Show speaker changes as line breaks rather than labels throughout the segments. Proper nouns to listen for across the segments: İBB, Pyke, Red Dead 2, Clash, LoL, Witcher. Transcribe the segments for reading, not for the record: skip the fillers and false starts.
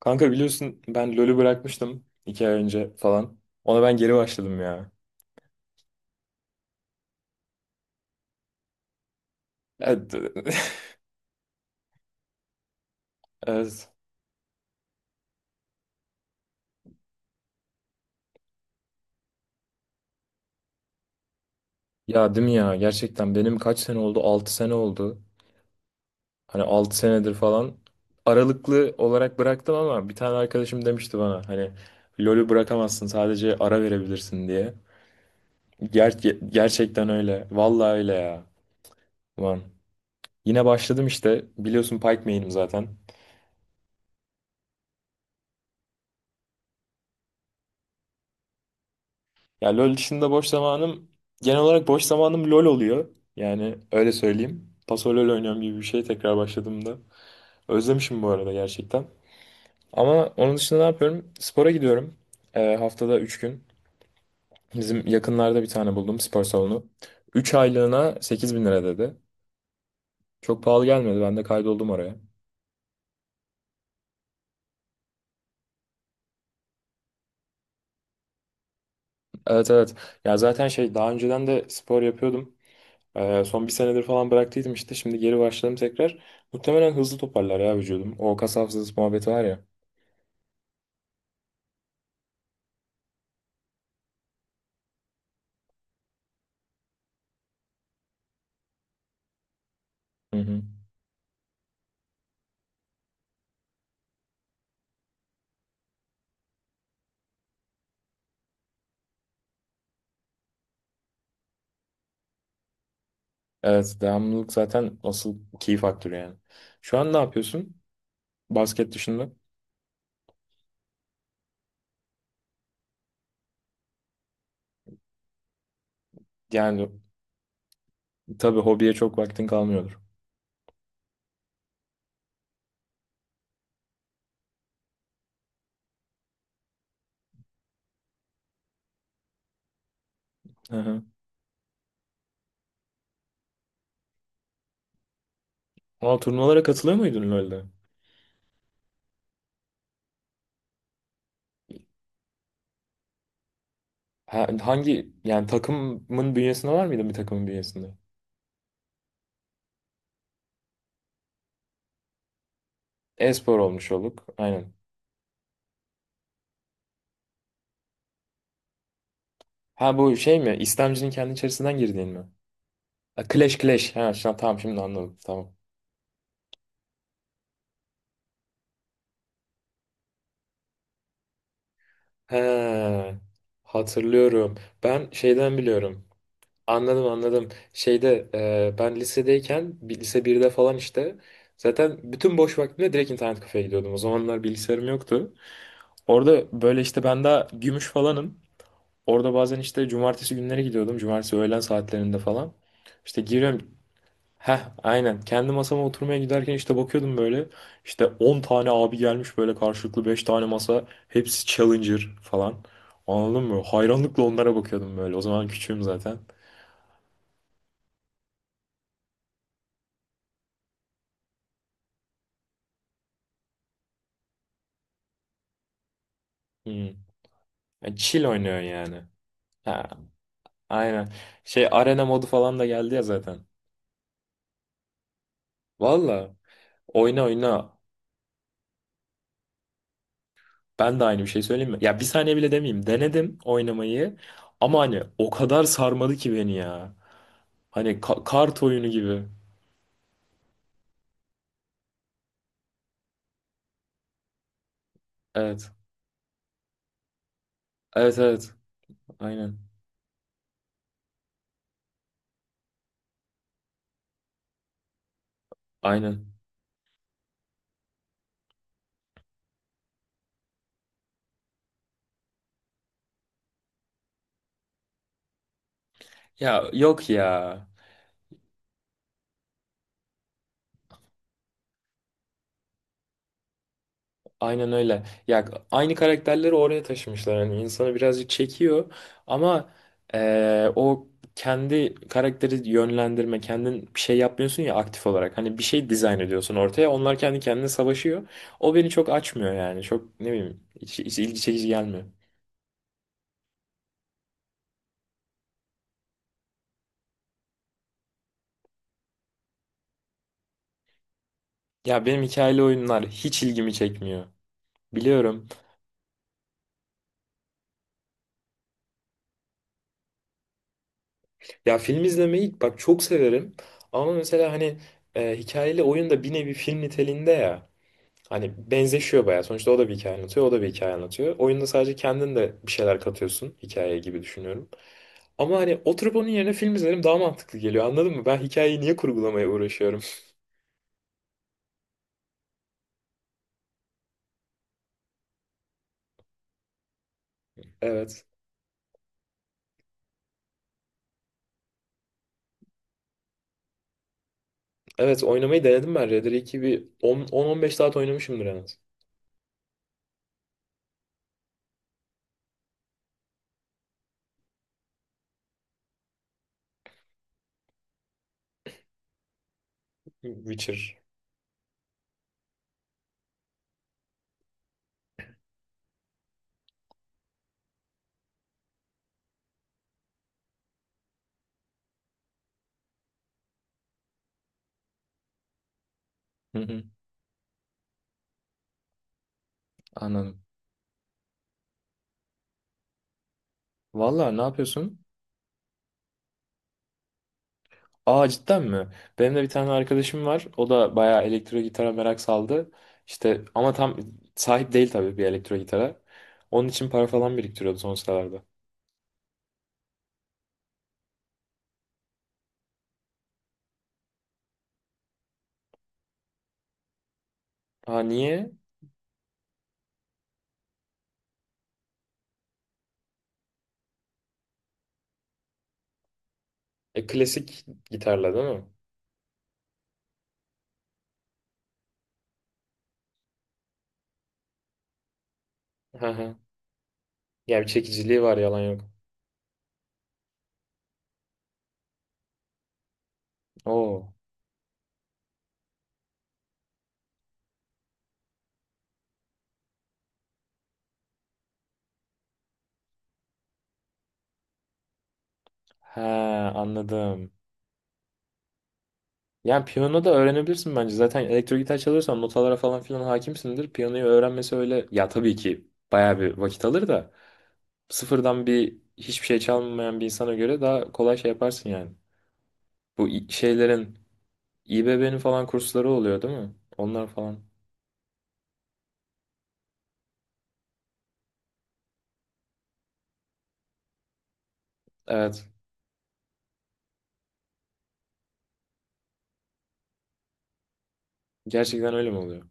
Kanka biliyorsun ben LoL'ü bırakmıştım 2 ay önce falan. Ona ben geri başladım ya. Evet. Evet. Ya değil mi ya? Gerçekten benim kaç sene oldu? 6 sene oldu. Hani 6 senedir falan aralıklı olarak bıraktım ama bir tane arkadaşım demişti bana hani LoL'ü bırakamazsın sadece ara verebilirsin diye. Gerçekten öyle. Vallahi öyle ya. Ulan. Yine başladım işte. Biliyorsun Pyke main'im zaten. Ya LoL dışında boş zamanım genel olarak boş zamanım LoL oluyor. Yani öyle söyleyeyim. Paso LoL oynuyorum gibi bir şey tekrar başladığımda. Özlemişim bu arada gerçekten. Ama onun dışında ne yapıyorum? Spora gidiyorum. Haftada 3 gün. Bizim yakınlarda bir tane buldum spor salonu. 3 aylığına 8.000 lira dedi. Çok pahalı gelmedi. Ben de kaydoldum oraya. Evet, evet. Ya zaten şey daha önceden de spor yapıyordum. Son bir senedir falan bıraktıydım işte. Şimdi geri başladım tekrar. Muhtemelen hızlı toparlar ya vücudum. O kas hafızası muhabbeti var ya. Hı hı. Evet, devamlılık zaten asıl key faktörü yani. Şu an ne yapıyorsun? Basket dışında. Yani tabii hobiye çok vaktin kalmıyordur. Hı hı. Aa, turnuvalara katılıyor muydun LoL'de? Hangi yani takımın bünyesinde var mıydı, bir takımın bünyesinde? E-spor olmuş olduk. Aynen. Ha, bu şey mi? İstemcinin kendi içerisinden girdiğin mi? Ha, Clash Clash. Ha, tamam, şimdi anladım. Tamam. He, hatırlıyorum. Ben şeyden biliyorum. Anladım, anladım. Şeyde ben lisedeyken lise birde falan işte zaten bütün boş vaktimde direkt internet kafeye gidiyordum. O zamanlar bilgisayarım yoktu. Orada böyle işte ben daha gümüş falanım. Orada bazen işte cumartesi günleri gidiyordum. Cumartesi öğlen saatlerinde falan. İşte giriyorum. Heh, aynen. Kendi masama oturmaya giderken işte bakıyordum böyle. İşte 10 tane abi gelmiş böyle karşılıklı 5 tane masa. Hepsi Challenger falan. Anladın mı? Hayranlıkla onlara bakıyordum böyle. O zaman küçüğüm zaten. Hmm. Yani Chill oynuyor yani. Ha, aynen. Şey, arena modu falan da geldi ya zaten. Valla, oyna oyna. Ben de aynı bir şey söyleyeyim mi? Ya bir saniye bile demeyeyim. Denedim oynamayı. Ama hani o kadar sarmadı ki beni ya. Hani kart oyunu gibi. Evet. Evet, evet. Aynen. Aynen. Ya yok ya. Aynen öyle. Ya aynı karakterleri oraya taşımışlar. Yani insanı birazcık çekiyor ama o kendi karakteri yönlendirme, kendin bir şey yapmıyorsun ya aktif olarak. Hani bir şey dizayn ediyorsun ortaya. Onlar kendi kendine savaşıyor. O beni çok açmıyor yani. Çok ne bileyim, hiç ilgi çekici gelmiyor. Ya benim hikayeli oyunlar hiç ilgimi çekmiyor. Biliyorum. Ya film izlemeyi bak çok severim ama mesela hani hikayeli oyun da bir nevi film niteliğinde ya. Hani benzeşiyor bayağı. Sonuçta o da bir hikaye anlatıyor, o da bir hikaye anlatıyor. Oyunda sadece kendin de bir şeyler katıyorsun hikayeye gibi düşünüyorum. Ama hani oturup onun yerine film izlerim daha mantıklı geliyor. Anladın mı? Ben hikayeyi niye kurgulamaya uğraşıyorum? Evet. Evet, oynamayı denedim ben. Red Dead 2 bir 10-15 saat oynamışımdır en az. Witcher. Hı hı, anladım. Vallahi ne yapıyorsun? Aa, cidden mi? Benim de bir tane arkadaşım var. O da bayağı elektro gitara merak saldı. İşte ama tam sahip değil tabii bir elektro gitara. Onun için para falan biriktiriyordu son sıralarda. Aa, niye? Klasik gitarla değil mi? Hı hı. Yani bir çekiciliği var, yalan yok. Oo. He, anladım. Yani piyano da öğrenebilirsin bence. Zaten elektro gitar çalıyorsan notalara falan filan hakimsindir. Piyanoyu öğrenmesi öyle. Ya tabii ki bayağı bir vakit alır da sıfırdan bir hiçbir şey çalmayan bir insana göre daha kolay şey yaparsın yani. Bu şeylerin, İBB'nin falan kursları oluyor değil mi? Onlar falan. Evet. Gerçekten öyle mi oluyor?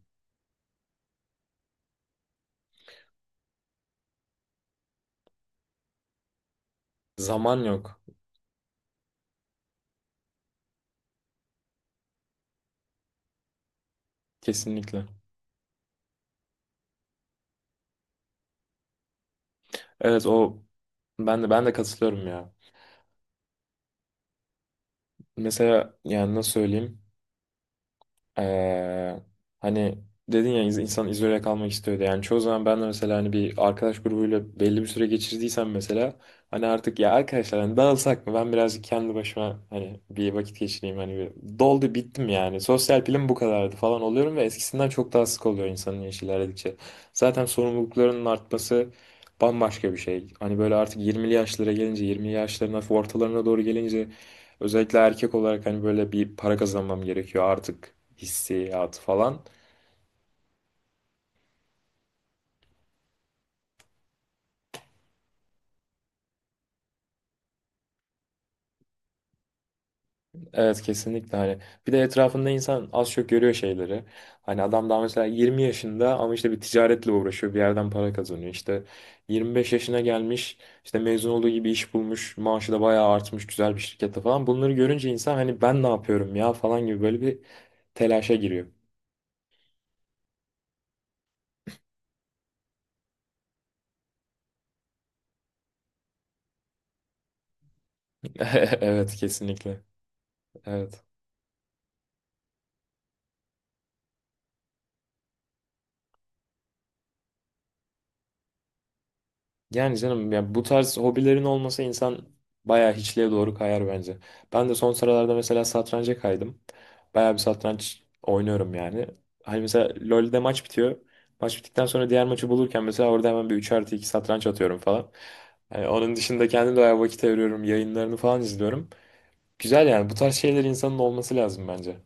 Zaman yok. Kesinlikle. Evet, o, ben de katılıyorum ya. Mesela yani nasıl söyleyeyim? Ee, hani dedin ya, insan izole kalmak istiyordu. Yani çoğu zaman ben de mesela hani bir arkadaş grubuyla belli bir süre geçirdiysem mesela, hani artık ya arkadaşlar hani dağılsak mı? Ben birazcık kendi başıma hani bir vakit geçireyim, hani bir doldu bittim yani. Sosyal pilim bu kadardı falan oluyorum ve eskisinden çok daha sık oluyor insanın yaşı ilerledikçe. Zaten sorumluluklarının artması bambaşka bir şey. Hani böyle artık 20'li yaşlara gelince, 20'li yaşların hafif ortalarına doğru gelince, özellikle erkek olarak, hani böyle bir para kazanmam gerekiyor artık hissiyatı falan. Evet, kesinlikle, hani bir de etrafında insan az çok görüyor şeyleri. Hani adam daha mesela 20 yaşında ama işte bir ticaretle uğraşıyor, bir yerden para kazanıyor. İşte 25 yaşına gelmiş, işte mezun olduğu gibi iş bulmuş, maaşı da bayağı artmış güzel bir şirkette falan. Bunları görünce insan hani ben ne yapıyorum ya falan gibi böyle bir telaşa giriyor. Evet, kesinlikle, evet. Yani canım ya, bu tarz hobilerin olmasa insan bayağı hiçliğe doğru kayar bence. Ben de son sıralarda mesela satranca kaydım. Bayağı bir satranç oynuyorum yani. Hani mesela LoL'de maç bitiyor. Maç bittikten sonra diğer maçı bulurken mesela orada hemen bir 3+2 satranç atıyorum falan. Yani onun dışında kendim de bayağı vakit ayırıyorum. Yayınlarını falan izliyorum. Güzel yani, bu tarz şeyler insanın olması lazım bence.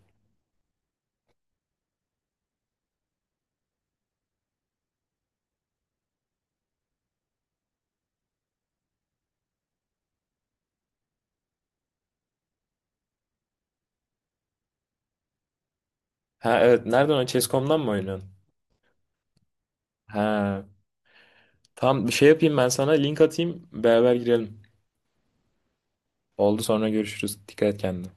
Ha evet, nereden o? Chess.com'dan mı oynuyorsun? Ha, tamam, bir şey yapayım ben sana link atayım, beraber girelim. Oldu, sonra görüşürüz. Dikkat et kendine.